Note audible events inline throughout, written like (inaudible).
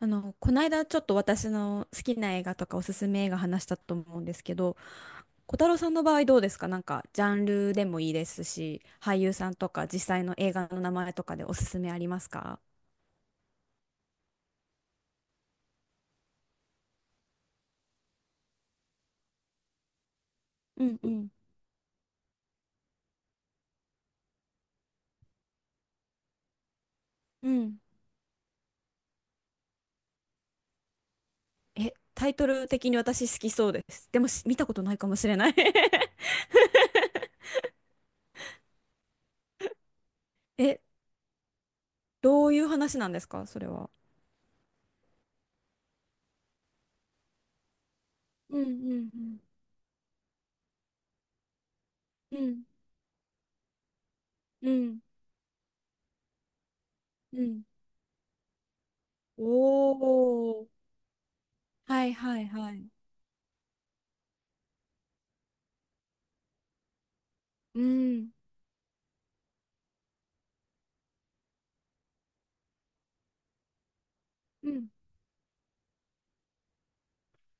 この間ちょっと私の好きな映画とかおすすめ映画話したと思うんですけど、小太郎さんの場合どうですか？なんかジャンルでもいいですし、俳優さんとか実際の映画の名前とかでおすすめありますか？うんうん。うん。え、タイトル的に私好きそうです。でもし見たことないかもしれない。 (laughs) え、どういう話なんですかそれは？うんうんうんうんうんうん。おー。はいはいはい。うんうん。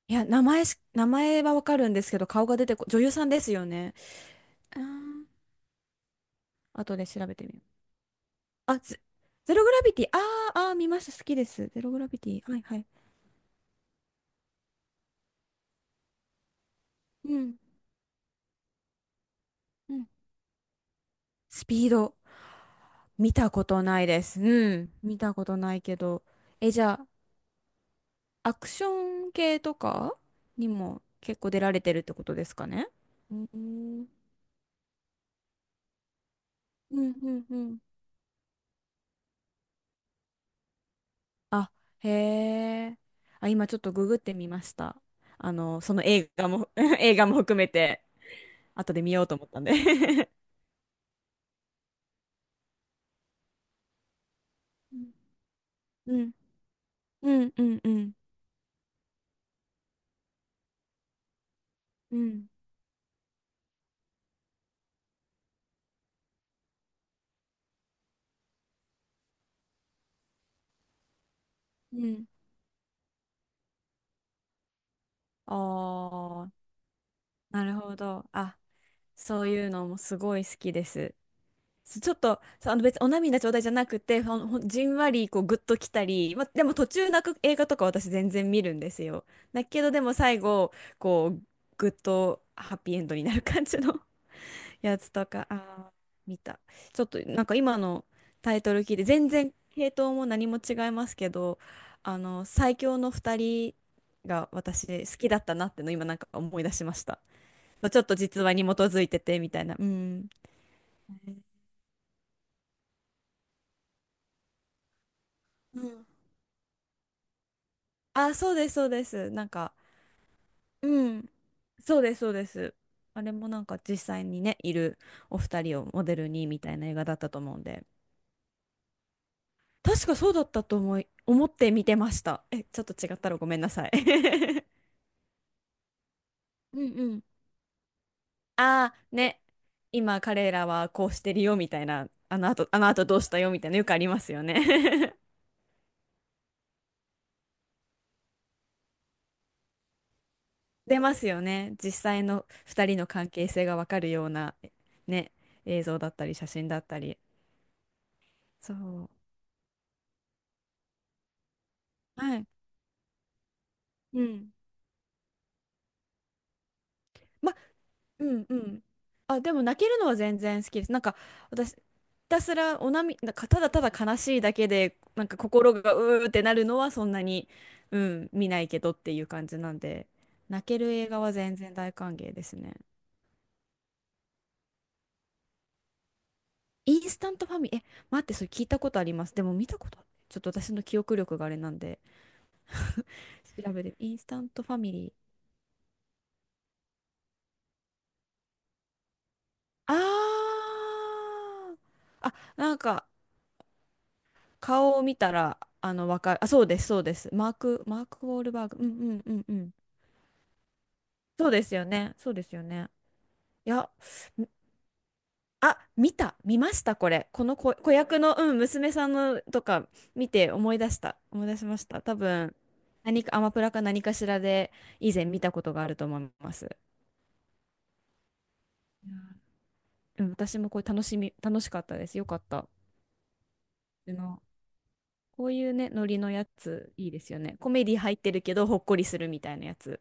いや、名前はわかるんですけど、顔が出てこ、女優さんですよね？ああ、後で調べてみよう。あ、ゼ、ゼログラビティ。あーあー、見ました。好きです。ゼログラビティ。はいはい。うん。うん。スピード。見たことないです。うん。見たことないけど。え、じゃあ、アクション系とかにも結構出られてるってことですかね？うん。うんうんうん。あ、へえ。あ、今ちょっとググってみました。あの、その映画も (laughs) 映画も含めて、後で見ようと思ったんで。 (laughs) うん。うん、うん、うん、うん、うん。ああ、なるほど。あ、そういうのもすごい好きです。ちょっと、そう別にお涙ちょうだいじゃなくて、ほんじんわりこうグッときたり、ま、でも途中泣く映画とか私全然見るんですよ。だけどでも最後、こう、グッとハッピーエンドになる感じのやつとか、あー、見た。ちょっとなんか今のタイトル聞いて、全然系統も何も違いますけど、あの、最強の二人が私好きだったなっての今なんか思い出しました。ちょっと実話に基づいててみたいな。うん。うん。あ、そうです、そうです。なんか、うん。そうです、そうです。あれもなんか実際にね、いるお二人をモデルにみたいな映画だったと思うんで。確かそうだったと思って見てました。え、ちょっと違ったらごめんなさい。(laughs) うんうん。ああ、ね。今彼らはこうしてるよみたいな、あの後どうしたよみたいなよくありますよね。(laughs) 出ますよね。実際の2人の関係性がわかるような、ね、映像だったり写真だったり。そう。はい。うん。ま、うんうん。あ、でも泣けるのは全然好きです。なんか私、ひたすらおなみ、なんかただただ悲しいだけで、なんか心がうーってなるのはそんなに、うん、見ないけどっていう感じなんで、泣ける映画は全然大歓迎ですね。インスタントファミリー、え、待って、それ聞いたことあります。でも見たこと、ちょっと私の記憶力があれなんで、調べて、インスタントファミリー。あー、あ、なんか、顔を見たら、あの、わかる。あ、そうです、そうです。マーク・ウォールバーグ。うんうんうんうん。そうですよね。そうですよね。いや、んあ、見ました、これ。この子、子役の、うん、娘さんのとか見て思い出した。思い出しました。多分、何か、アマプラか何かしらで以前見たことがあると思います。いやうん、私もこれ楽しかったです。よかった。あの、こういうね、ノリのやつ、いいですよね。コメディ入ってるけど、ほっこりするみたいなやつ。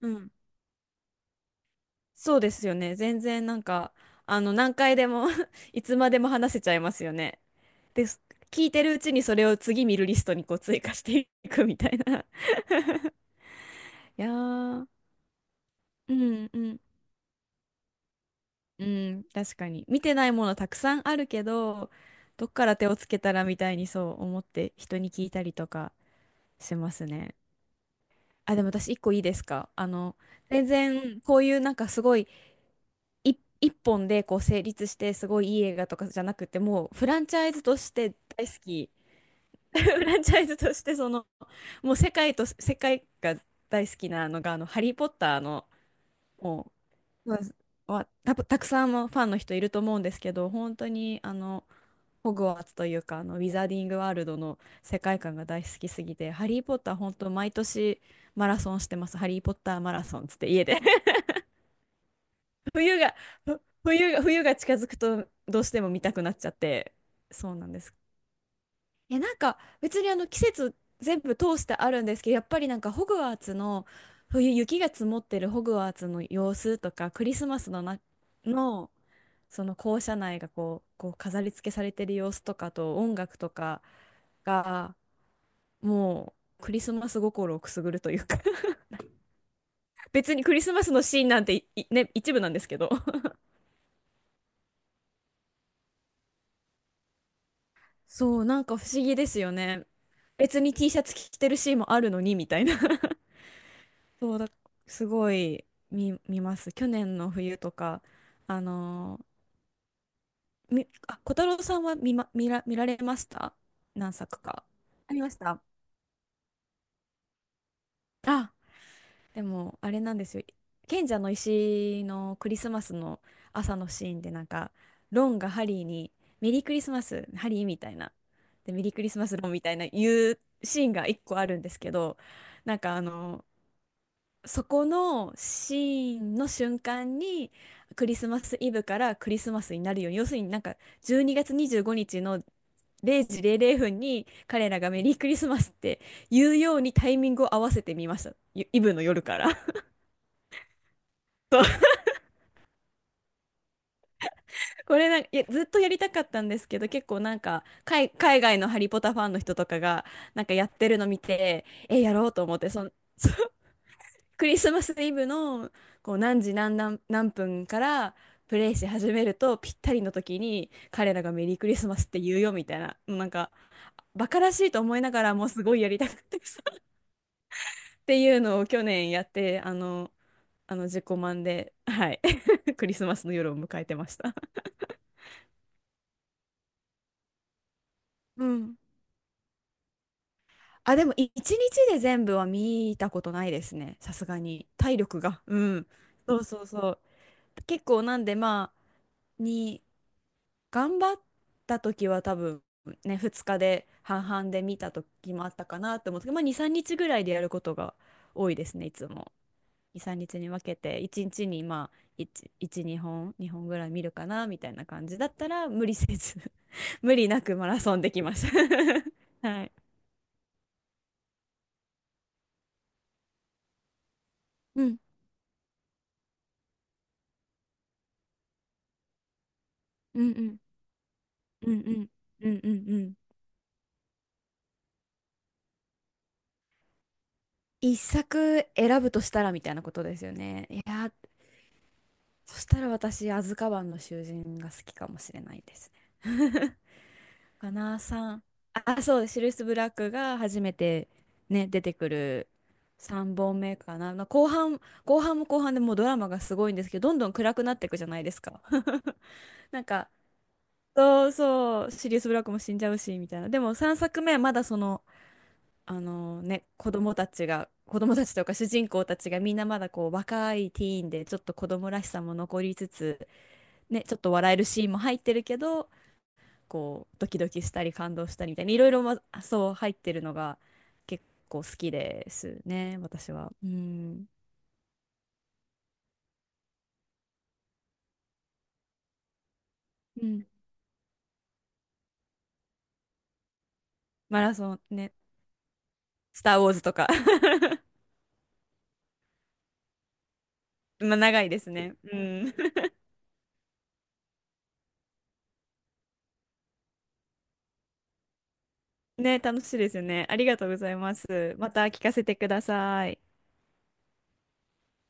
うん。そうですよね。全然なんか、あの、何回でも (laughs) いつまでも話せちゃいますよね。で、聞いてるうちにそれを次見るリストにこう追加していくみたいな。(laughs) いやー、うんうん。うん、確かに。見てないものたくさんあるけど、どっから手をつけたらみたいにそう思って人に聞いたりとかしますね。あ、でも私一個いいですか？あの、全然こういうなんかすごい一本でこう成立してすごいいい映画とかじゃなくて、もうフランチャイズとして大好き。 (laughs) フランチャイズとしてそのもう世界と世界が大好きなのがあの「ハリー・ポッター」のもう、うん、たくさんのファンの人いると思うんですけど、本当にあのホグワーツというかあのウィザーディングワールドの世界観が大好きすぎて「ハリー・ポッター」本当毎年マラソンしてます。「ハリー・ポッターマラソン」つって家で、冬が、ふ冬が、冬が近づくとどうしても見たくなっちゃって、そうなんです。え、なんか別にあの季節全部通してあるんですけど、やっぱりなんかホグワーツの冬雪が積もってるホグワーツの様子とか、クリスマスのな、のその校舎内がこう、飾り付けされてる様子とかと音楽とかがもうクリスマス心をくすぐるというか。 (laughs) 別にクリスマスのシーンなんていいね、一部なんですけど、そう、なんか不思議ですよね。別に T シャツ着てるシーンもあるのにみたいな。 (laughs) そうだ、すごい見ます。去年の冬とか、あのーみ、あ、小太郎さんは見られました？何作かありました。あでも、あれなんですよ。賢者の石のクリスマスの朝のシーンで、なんか、ロンがハリーに、メリークリスマス、ハリーみたいな。で、メリークリスマス、ロンみたいな言うシーンが一個あるんですけど、なんかあの、そこのシーンの瞬間に、クリスマスイブからクリスマスになるように、要するになんか、12月25日の0時00分に彼らがメリークリスマスって言うようにタイミングを合わせてみました。イブの夜から。(laughs) これなんか、いや、ずっとやりたかったんですけど、結構なんか、海外のハリポタファンの人とかが、なんかやってるの見て、え、やろうと思って、その、(laughs) そう、クリスマスイブの、こう、何時何分からプレイし始めると、ぴったりの時に、彼らがメリークリスマスって言うよ、みたいな、なんか、バカらしいと思いながらも、すごいやりたかったっていうのを去年やって、あの、自己満で、はい、(laughs) クリスマスの夜を迎えてました。うん。あ、でも一日で全部は見たことないですね。さすがに。体力が。うん。そうそうそう。結構なんでまあ、頑張った時は多分ね、2日で半々で見た時もあったかなと思うんですけど、まあ2、3日ぐらいでやることが多いですね、いつも。2、3日にちに分けて、1日にちにまあ、1、1、2本、2本ぐらい見るかな、みたいな感じだったら、無理せず (laughs) 無理なくマラソンできます。 (laughs) はい。うん、うんうん。うんうんうんうんうん。一作選ぶとしたらみたいなことですよね？いやー、そしたら私、アズカバンの囚人が好きかもしれないですね。(laughs) ガナーさん。あ、そう、シルス・ブラックが初めてね、出てくる3本目かな。まあ後半も後半でもうドラマがすごいんですけど、どんどん暗くなっていくじゃないですか。(laughs) なんか、そうそう、シリウス・ブラックも死んじゃうし、みたいな。でも3作目はまだその、あのね、子供たちとか主人公たちがみんなまだこう若いティーンで、ちょっと子供らしさも残りつつ、ね、ちょっと笑えるシーンも入ってるけど、こう、ドキドキしたり感動したりみたいに、いろいろ、ま、そう入ってるのが結構好きですね、私は。うん。うん。マラソンね、スター・ウォーズとか。 (laughs) まあ長いですね。うん。(laughs) ね、楽しいですよね。ありがとうございます。また聞かせてください。